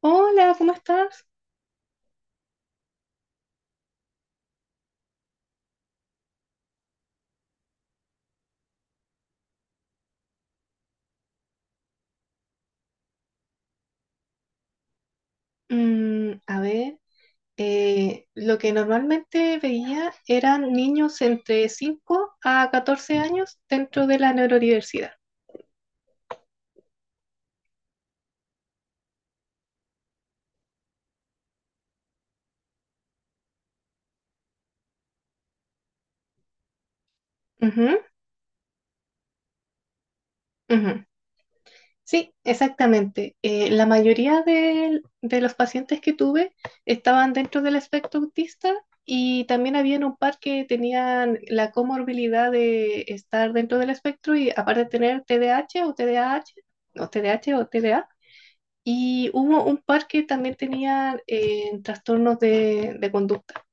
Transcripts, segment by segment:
Hola, ¿cómo estás? A ver, lo que normalmente veía eran niños entre 5 a 14 años dentro de la neurodiversidad. Ujú, ujú. Sí, exactamente. La mayoría de los pacientes que tuve estaban dentro del espectro autista, y también habían un par que tenían la comorbilidad de estar dentro del espectro y aparte de tener TDAH o TDAH o TDAH o TDA. Y hubo un par que también tenían trastornos de conducta.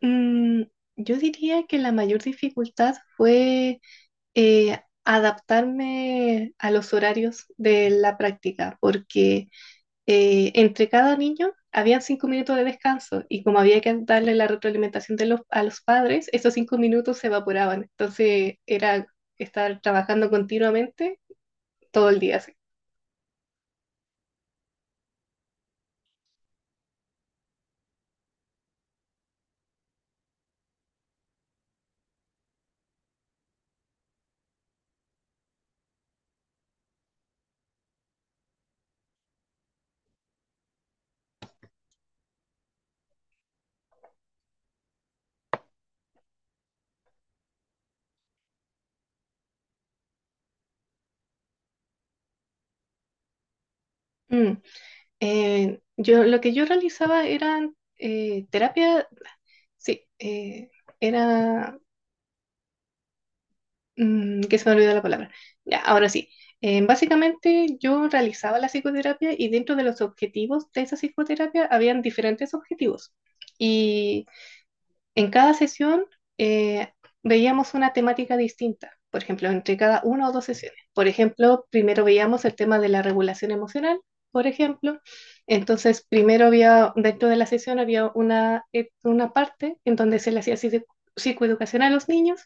Mm, yo diría que la mayor dificultad fue adaptarme a los horarios de la práctica, porque entre cada niño había 5 minutos de descanso y como había que darle la retroalimentación a los padres, esos 5 minutos se evaporaban. Entonces era estar trabajando continuamente todo el día así. Mm. Yo, lo que yo realizaba eran terapia, sí, era que se me olvidó la palabra. Ya, ahora sí. Básicamente yo realizaba la psicoterapia y dentro de los objetivos de esa psicoterapia habían diferentes objetivos. En cada sesión eh, veíamos una temática distinta, por ejemplo, entre cada una o dos sesiones. Por ejemplo, primero veíamos el tema de la regulación emocional, por ejemplo. Entonces, primero había, dentro de la sesión había una parte en donde se le hacía psicoeducación a los niños,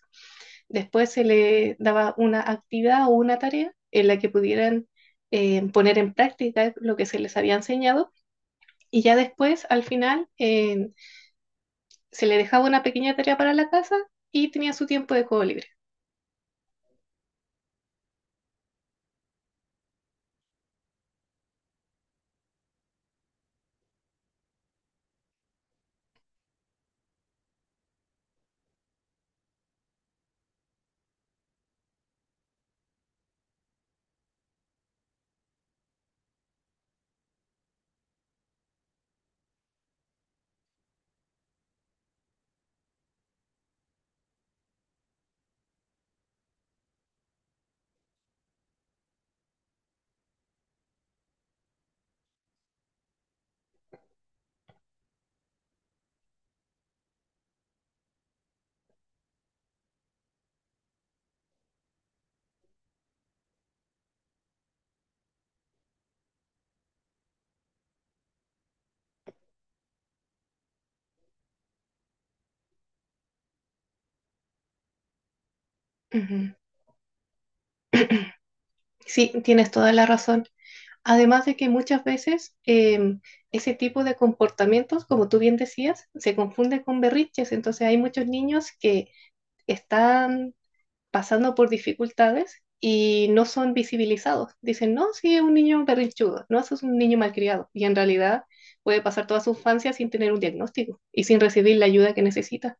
después se le daba una actividad o una tarea en la que pudieran poner en práctica lo que se les había enseñado, y ya después, al final, se le dejaba una pequeña tarea para la casa y tenía su tiempo de juego libre. Ujú. Sí, tienes toda la razón. Además de que muchas veces ese tipo de comportamientos, como tú bien decías, se confunde con berrinches. Entonces hay muchos niños que están pasando por dificultades y no son visibilizados. Dicen, no, sí, es un niño berrinchudo, no, eso es un niño malcriado. Y en realidad puede pasar toda su infancia sin tener un diagnóstico y sin recibir la ayuda que necesita.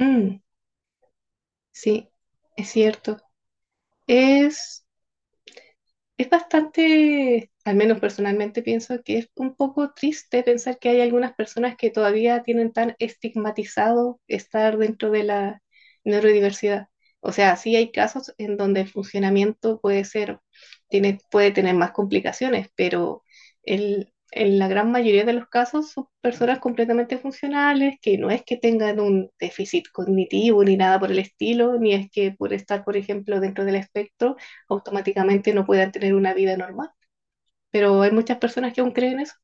Mm, sí, es cierto. Es, es bastante, al menos personalmente pienso que es un poco triste pensar que hay algunas personas que todavía tienen tan estigmatizado estar dentro de la neurodiversidad. O sea, sí hay casos en donde el funcionamiento puede ser, tiene, puede tener más complicaciones, pero en la gran mayoría de los casos son personas completamente funcionales, que no es que tengan un déficit cognitivo ni nada por el estilo, ni es que por estar, por ejemplo, dentro del espectro automáticamente no puedan tener una vida normal. Pero hay muchas personas que aún creen eso.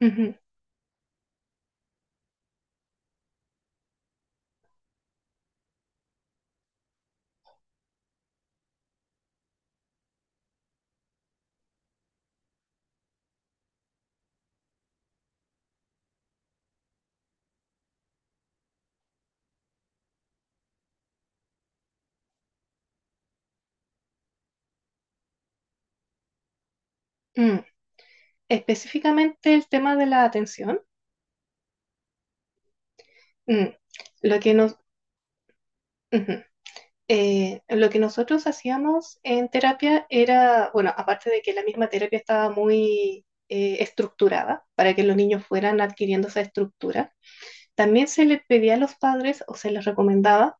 Ujú. Mm. Específicamente el tema de la atención. Mm. Lo que nos, Ujú. Lo que nosotros hacíamos en terapia era, bueno, aparte de que la misma terapia estaba muy estructurada para que los niños fueran adquiriendo esa estructura, también se les pedía a los padres o se les recomendaba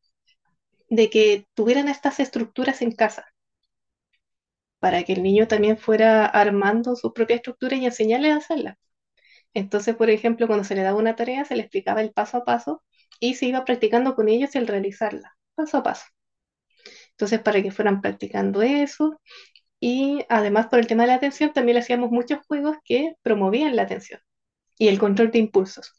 de que tuvieran estas estructuras en casa para que el niño también fuera armando su propia estructura y enseñarle a hacerla. Entonces, por ejemplo, cuando se le daba una tarea, se le explicaba el paso a paso y se iba practicando con ellos el realizarla, paso a paso. Entonces, para que fueran practicando eso y además por el tema de la atención, también le hacíamos muchos juegos que promovían la atención y el control de impulsos.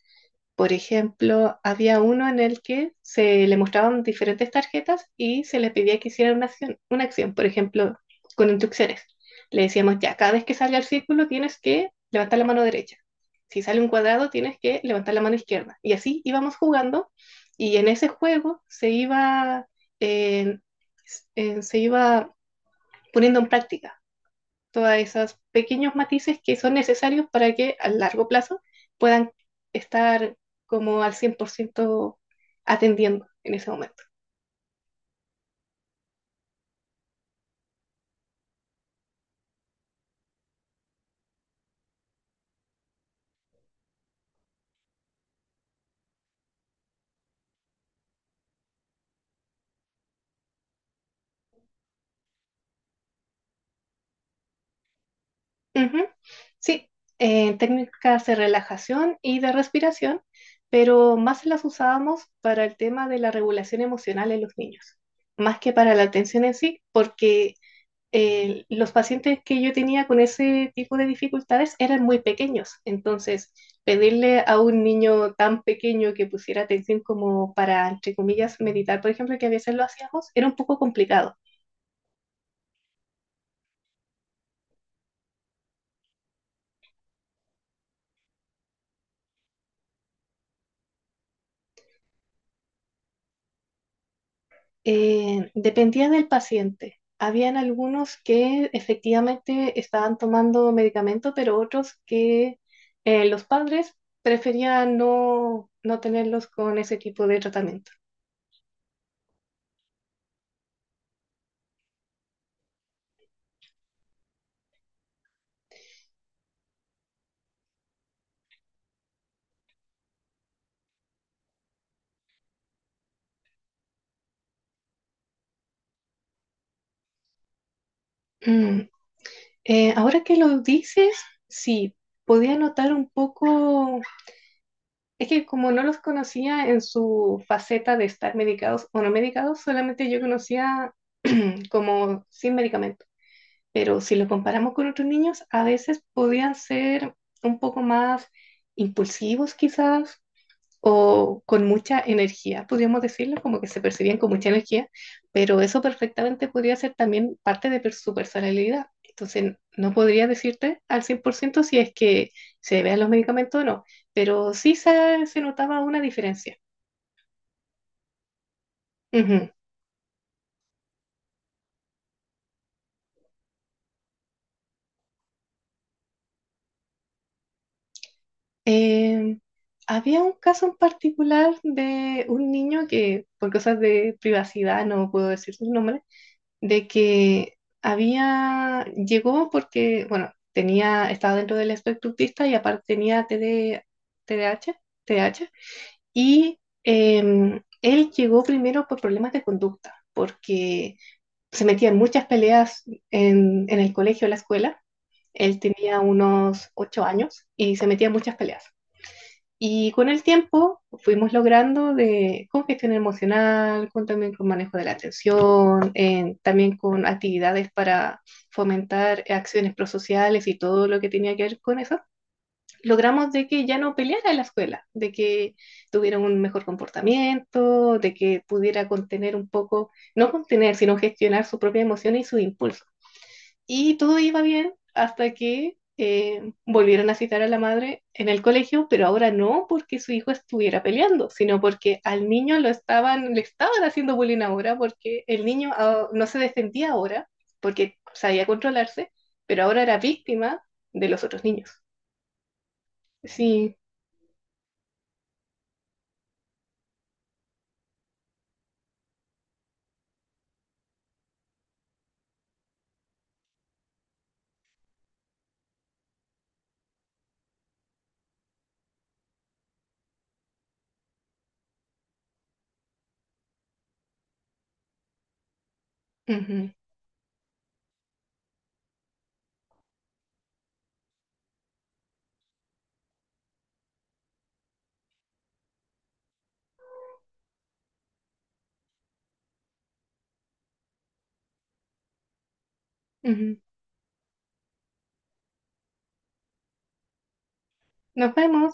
Por ejemplo, había uno en el que se le mostraban diferentes tarjetas y se le pedía que hiciera una acción, por ejemplo, con instrucciones. Le decíamos, ya, cada vez que salga el círculo tienes que levantar la mano derecha. Si sale un cuadrado tienes que levantar la mano izquierda. Y así íbamos jugando, y en ese juego eh, se iba poniendo en práctica todos esos pequeños matices que son necesarios para que a largo plazo puedan estar como al 100% atendiendo en ese momento. Ujú. Sí, técnicas de relajación y de respiración, pero más las usábamos para el tema de la regulación emocional en los niños, más que para la atención en sí, porque los pacientes que yo tenía con ese tipo de dificultades eran muy pequeños, entonces pedirle a un niño tan pequeño que pusiera atención como para, entre comillas, meditar, por ejemplo, que a veces lo hacíamos, era un poco complicado. Dependía del paciente. Habían algunos que efectivamente estaban tomando medicamento, pero otros que los padres preferían no tenerlos con ese tipo de tratamiento. Mm. Ahora que lo dices, sí, podía notar un poco. Es que como no los conocía en su faceta de estar medicados o no medicados, solamente yo conocía como sin medicamento. Pero si lo comparamos con otros niños, a veces podían ser un poco más impulsivos quizás o con mucha energía, podríamos decirlo, como que se percibían con mucha energía, pero eso perfectamente podría ser también parte de su personalidad. Entonces, no podría decirte al 100% si es que se debe a los medicamentos o no, pero sí se notaba una diferencia. Ujú. Eh, Había un caso en particular de un niño que, por cosas de privacidad, no puedo decir su nombre, de que llegó porque, bueno, estaba dentro del espectro autista y aparte tenía TD, TDAH, TDAH, y él llegó primero por problemas de conducta, porque se metía en muchas peleas en el colegio, en la escuela. Él tenía unos 8 años y se metía en muchas peleas. Y con el tiempo fuimos logrando con gestión emocional, también con manejo de la atención, también con actividades para fomentar acciones prosociales y todo lo que tenía que ver con eso, logramos de que ya no peleara en la escuela, de que tuviera un mejor comportamiento, de que pudiera contener un poco, no contener, sino gestionar su propia emoción y sus impulsos. Y todo iba bien hasta que volvieron a citar a la madre en el colegio, pero ahora no porque su hijo estuviera peleando, sino porque al niño le estaban haciendo bullying ahora, porque el niño no se defendía ahora, porque sabía controlarse, pero ahora era víctima de los otros niños. Sí. Ujú, ujú. Nos vemos.